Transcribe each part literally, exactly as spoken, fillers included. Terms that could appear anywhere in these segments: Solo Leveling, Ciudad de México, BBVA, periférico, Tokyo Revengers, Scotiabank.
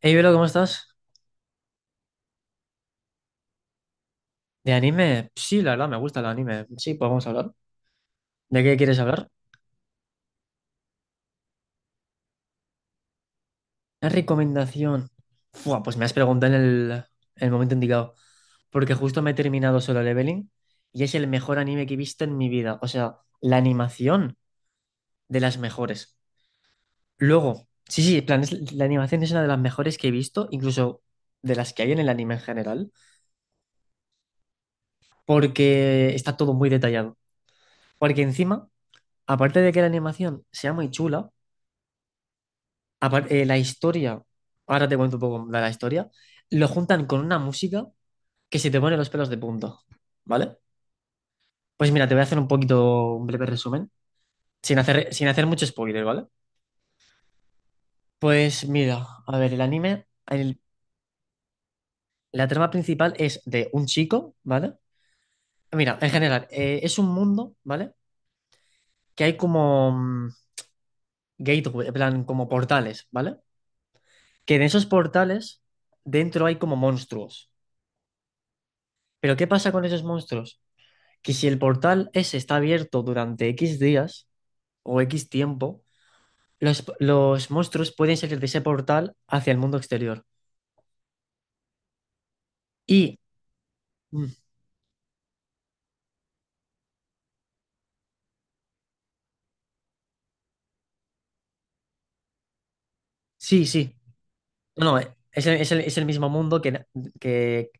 Hey, Velo, ¿cómo estás? ¿De anime? Sí, la verdad, me gusta el anime. Sí, pues vamos a hablar. ¿De qué quieres hablar? ¿Una recomendación? Fua, pues me has preguntado en el, en el momento indicado. Porque justo me he terminado Solo Leveling y es el mejor anime que he visto en mi vida. O sea, la animación, de las mejores. Luego, sí, sí, en plan, es- la animación es una de las mejores que he visto, incluso de las que hay en el anime en general, porque está todo muy detallado. Porque encima, aparte de que la animación sea muy chula, apar- eh, la historia, ahora te cuento un poco de la historia, lo juntan con una música que se te pone los pelos de punta, ¿vale? Pues mira, te voy a hacer un poquito, un breve resumen, sin hacer, sin hacer mucho spoiler, ¿vale? Pues mira, a ver, el anime, el- la trama principal es de un chico, ¿vale? Mira, en general, eh, es un mundo, ¿vale? Que hay como mm, gateway, en plan, como portales, ¿vale? Que en esos portales dentro hay como monstruos. Pero ¿qué pasa con esos monstruos? Que si el portal ese está abierto durante X días o X tiempo, los, los monstruos pueden salir de ese portal hacia el mundo exterior. Y mm, sí, sí. No, no, es el, es el- es el mismo mundo que, que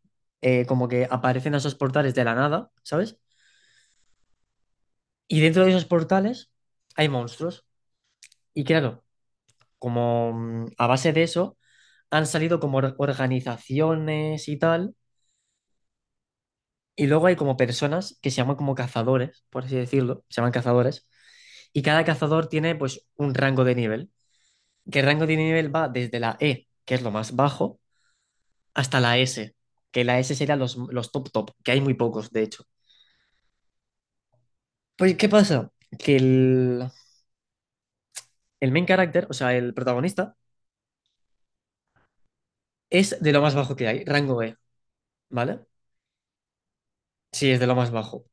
eh, como que aparecen esos portales de la nada, ¿sabes? Y dentro de esos portales hay monstruos. Y claro, como mm, a base de eso han salido como or- organizaciones y tal. Y luego hay como personas que se llaman como cazadores, por así decirlo, se llaman cazadores. Y cada cazador tiene pues un rango de nivel, que el rango de nivel va desde la E, que es lo más bajo, hasta la S, que la S serían los, los top top, que hay muy pocos, de hecho. Pues, ¿qué pasa? Que el, el main character, o sea, el protagonista, es de lo más bajo que hay, rango E, ¿vale? Sí, es de lo más bajo.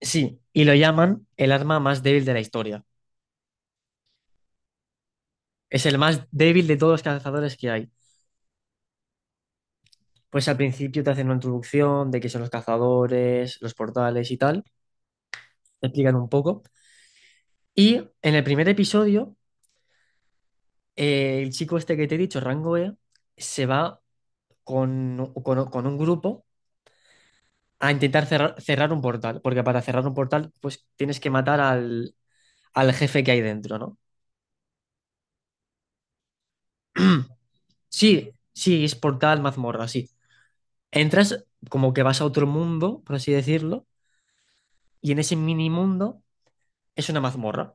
Sí, y lo llaman el arma más débil de la historia. Es el más débil de todos los cazadores que hay. Pues al principio te hacen una introducción de qué son los cazadores, los portales y tal, te explican un poco. Y en el primer episodio, eh, el chico este que te he dicho, rango E, se va con, con- con un grupo a intentar cerrar, cerrar un portal, porque para cerrar un portal, pues tienes que matar al, al jefe que hay dentro, ¿no? Sí, sí, es portal, mazmorra, sí. Entras como que vas a otro mundo, por así decirlo, y en ese mini mundo es una mazmorra.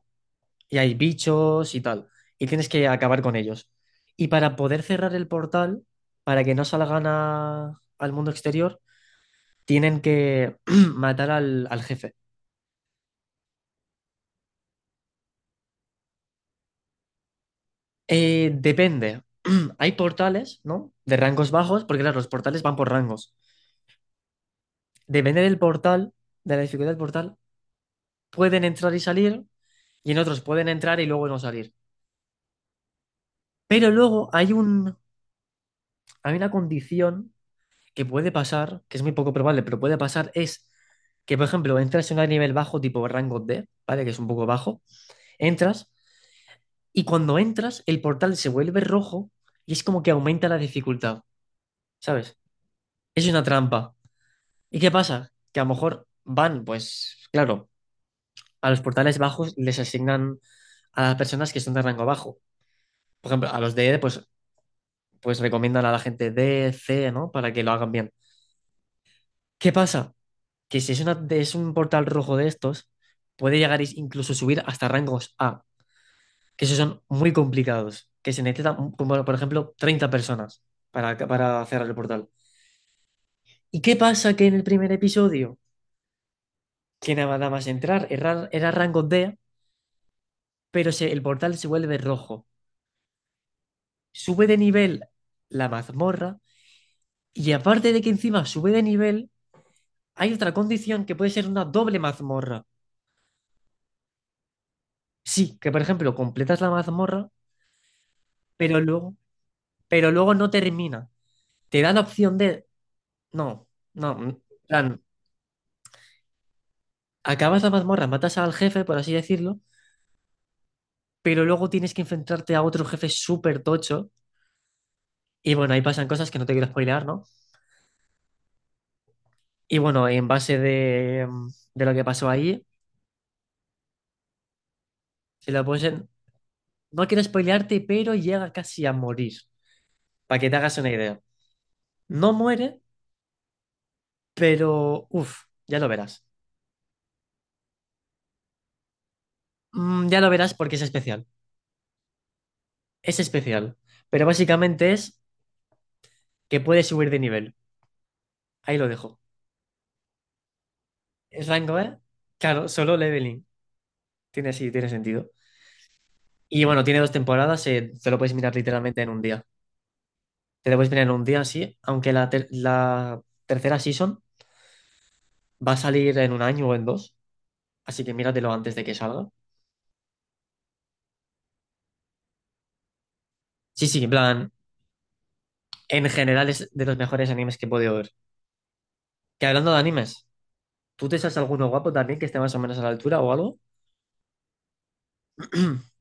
Y hay bichos y tal, y tienes que acabar con ellos. Y para poder cerrar el portal, para que no salgan a- al mundo exterior, tienen que matar al, al jefe. Eh, depende. Hay portales, ¿no? De rangos bajos, porque claro, los portales van por rangos. Depende del portal, de la dificultad del portal, pueden entrar y salir, y en otros pueden entrar y luego no salir. Pero luego hay un, hay una condición que puede pasar, que es muy poco probable, pero puede pasar, es que, por ejemplo, entras en un nivel bajo, tipo rango D, ¿vale? Que es un poco bajo, entras, y cuando entras, el portal se vuelve rojo y es como que aumenta la dificultad, ¿sabes? Es una trampa. ¿Y qué pasa? Que a lo mejor van, pues, claro, a los portales bajos les asignan a las personas que son de rango bajo. Por ejemplo, a los de E, pues, pues recomiendan a la gente D, C, ¿no? Para que lo hagan bien. ¿Qué pasa? Que si es, una- de- es un portal rojo de estos, puede llegar is- incluso subir hasta rangos A, que esos son muy complicados, que se necesitan, un- como bueno, por ejemplo, treinta personas para, para cerrar el portal. ¿Y qué pasa, que en el primer episodio, que nada más entrar, era, era rango D, pero se- el portal se vuelve rojo? Sube de nivel la mazmorra, y aparte de que encima sube de nivel, hay otra condición, que puede ser una doble mazmorra. Sí, que por ejemplo completas la mazmorra, pero luego... pero luego no termina. Te da la opción de, no, no, en plan, acabas la mazmorra, matas al jefe, por así decirlo, pero luego tienes que enfrentarte a otro jefe súper tocho. Y bueno, ahí pasan cosas que no te quiero spoilear, ¿no? Y bueno, en base de, mm, de lo que pasó ahí, si lo pones en- no quiero spoilearte, pero llega casi a morir, para que te hagas una idea. No muere, pero uff, ya lo verás. Mm, ya lo verás porque es especial. Es especial. Pero básicamente es que puedes subir de nivel. Ahí lo dejo. El rango, ¿eh? Claro, Solo Leveling. Tiene, sí, tiene sentido. Y bueno, tiene dos temporadas, eh, te lo puedes mirar literalmente en un día. Te lo puedes mirar en un día, sí, aunque la, ter- la tercera season va a salir en un año o en dos, así que míratelo antes de que salga. Sí, sí, en plan, en general es de los mejores animes que he podido ver. Que hablando de animes, ¿tú te sabes alguno guapo también que esté más o menos a la altura o algo?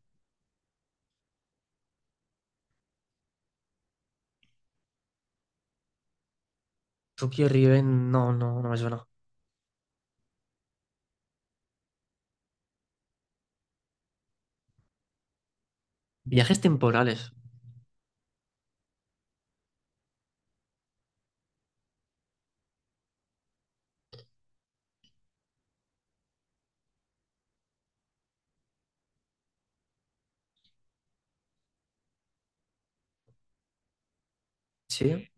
Tokyo Riven, no, no, no me suena. Viajes temporales, sí.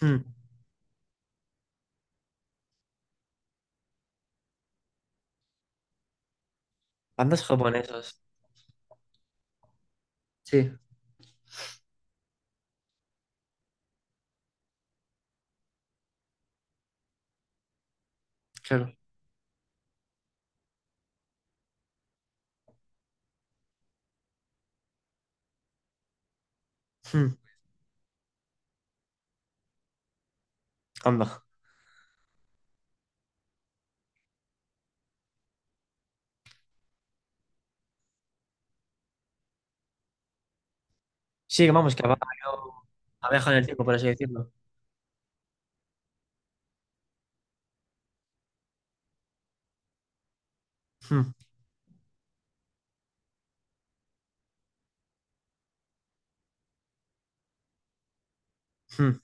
Hmm. Bandas japonesas, sí. Claro. Hmm. Anda. Sí, que vamos, que ha ido abeja en el tiempo, por así decirlo. Hmm. Hmm.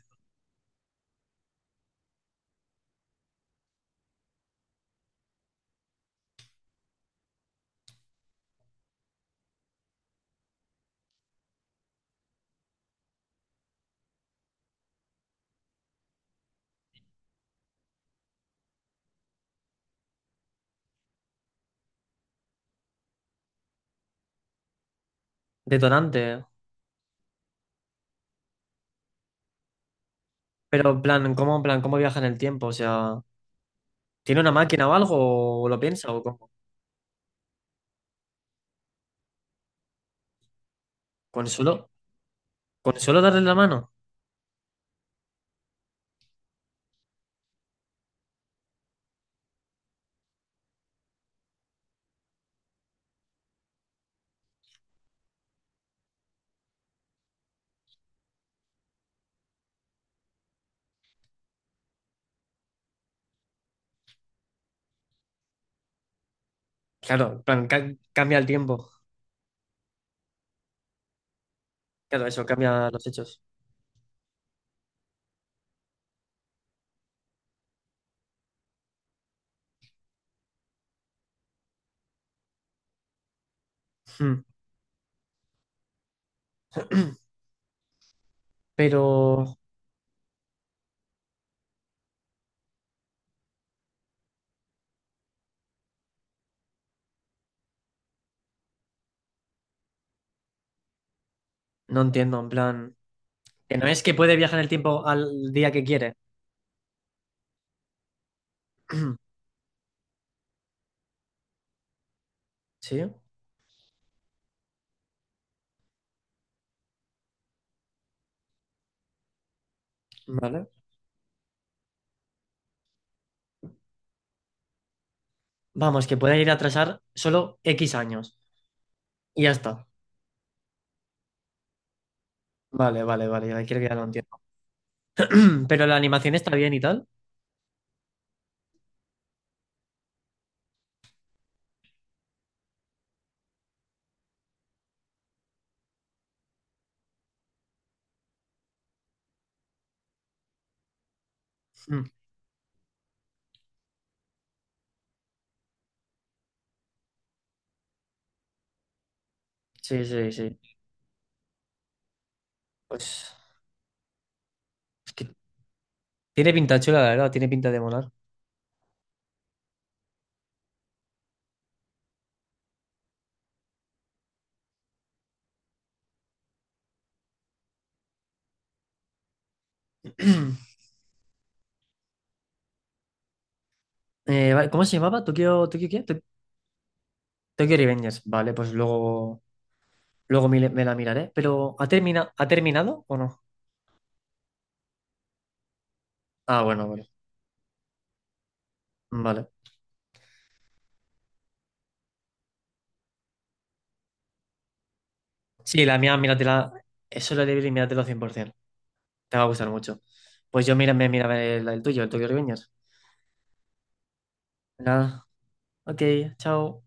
Detonante. Pero, en plan, ¿cómo, en plan, cómo viaja en el tiempo? O sea, ¿tiene una máquina o algo? ¿O lo piensa? ¿O cómo? ¿Con solo, con solo darle la mano? Claro, en plan, ca- cambia el tiempo. Claro, eso, cambia los hechos. Hmm. Pero no entiendo, en plan, que no es que puede viajar en el tiempo al día que quiere. ¿Sí? Vale. Vamos, que puede ir a atrasar solo X años. Y ya está. Vale, vale, vale, ya creo que ya lo entiendo. Pero la animación está bien y tal. Mm, sí, sí, sí. Pues es que tiene pinta chula, la verdad, tiene pinta de molar. Eh, vale, ¿cómo se llamaba? ¿Tokyo, Tokyo qué? To- Tokyo Revengers. Vale, pues luego, luego mi- me, la miraré. Pero ¿ha termina, ¿ha terminado o no? Ah, bueno, vale. Vale. Sí, la mía, míratela. Eso lo libre y míratelo cien por ciento. Te va a gustar mucho. Pues yo mira, me mira el, el tuyo, el Tokyo Revengers. Nada. Ok, chao.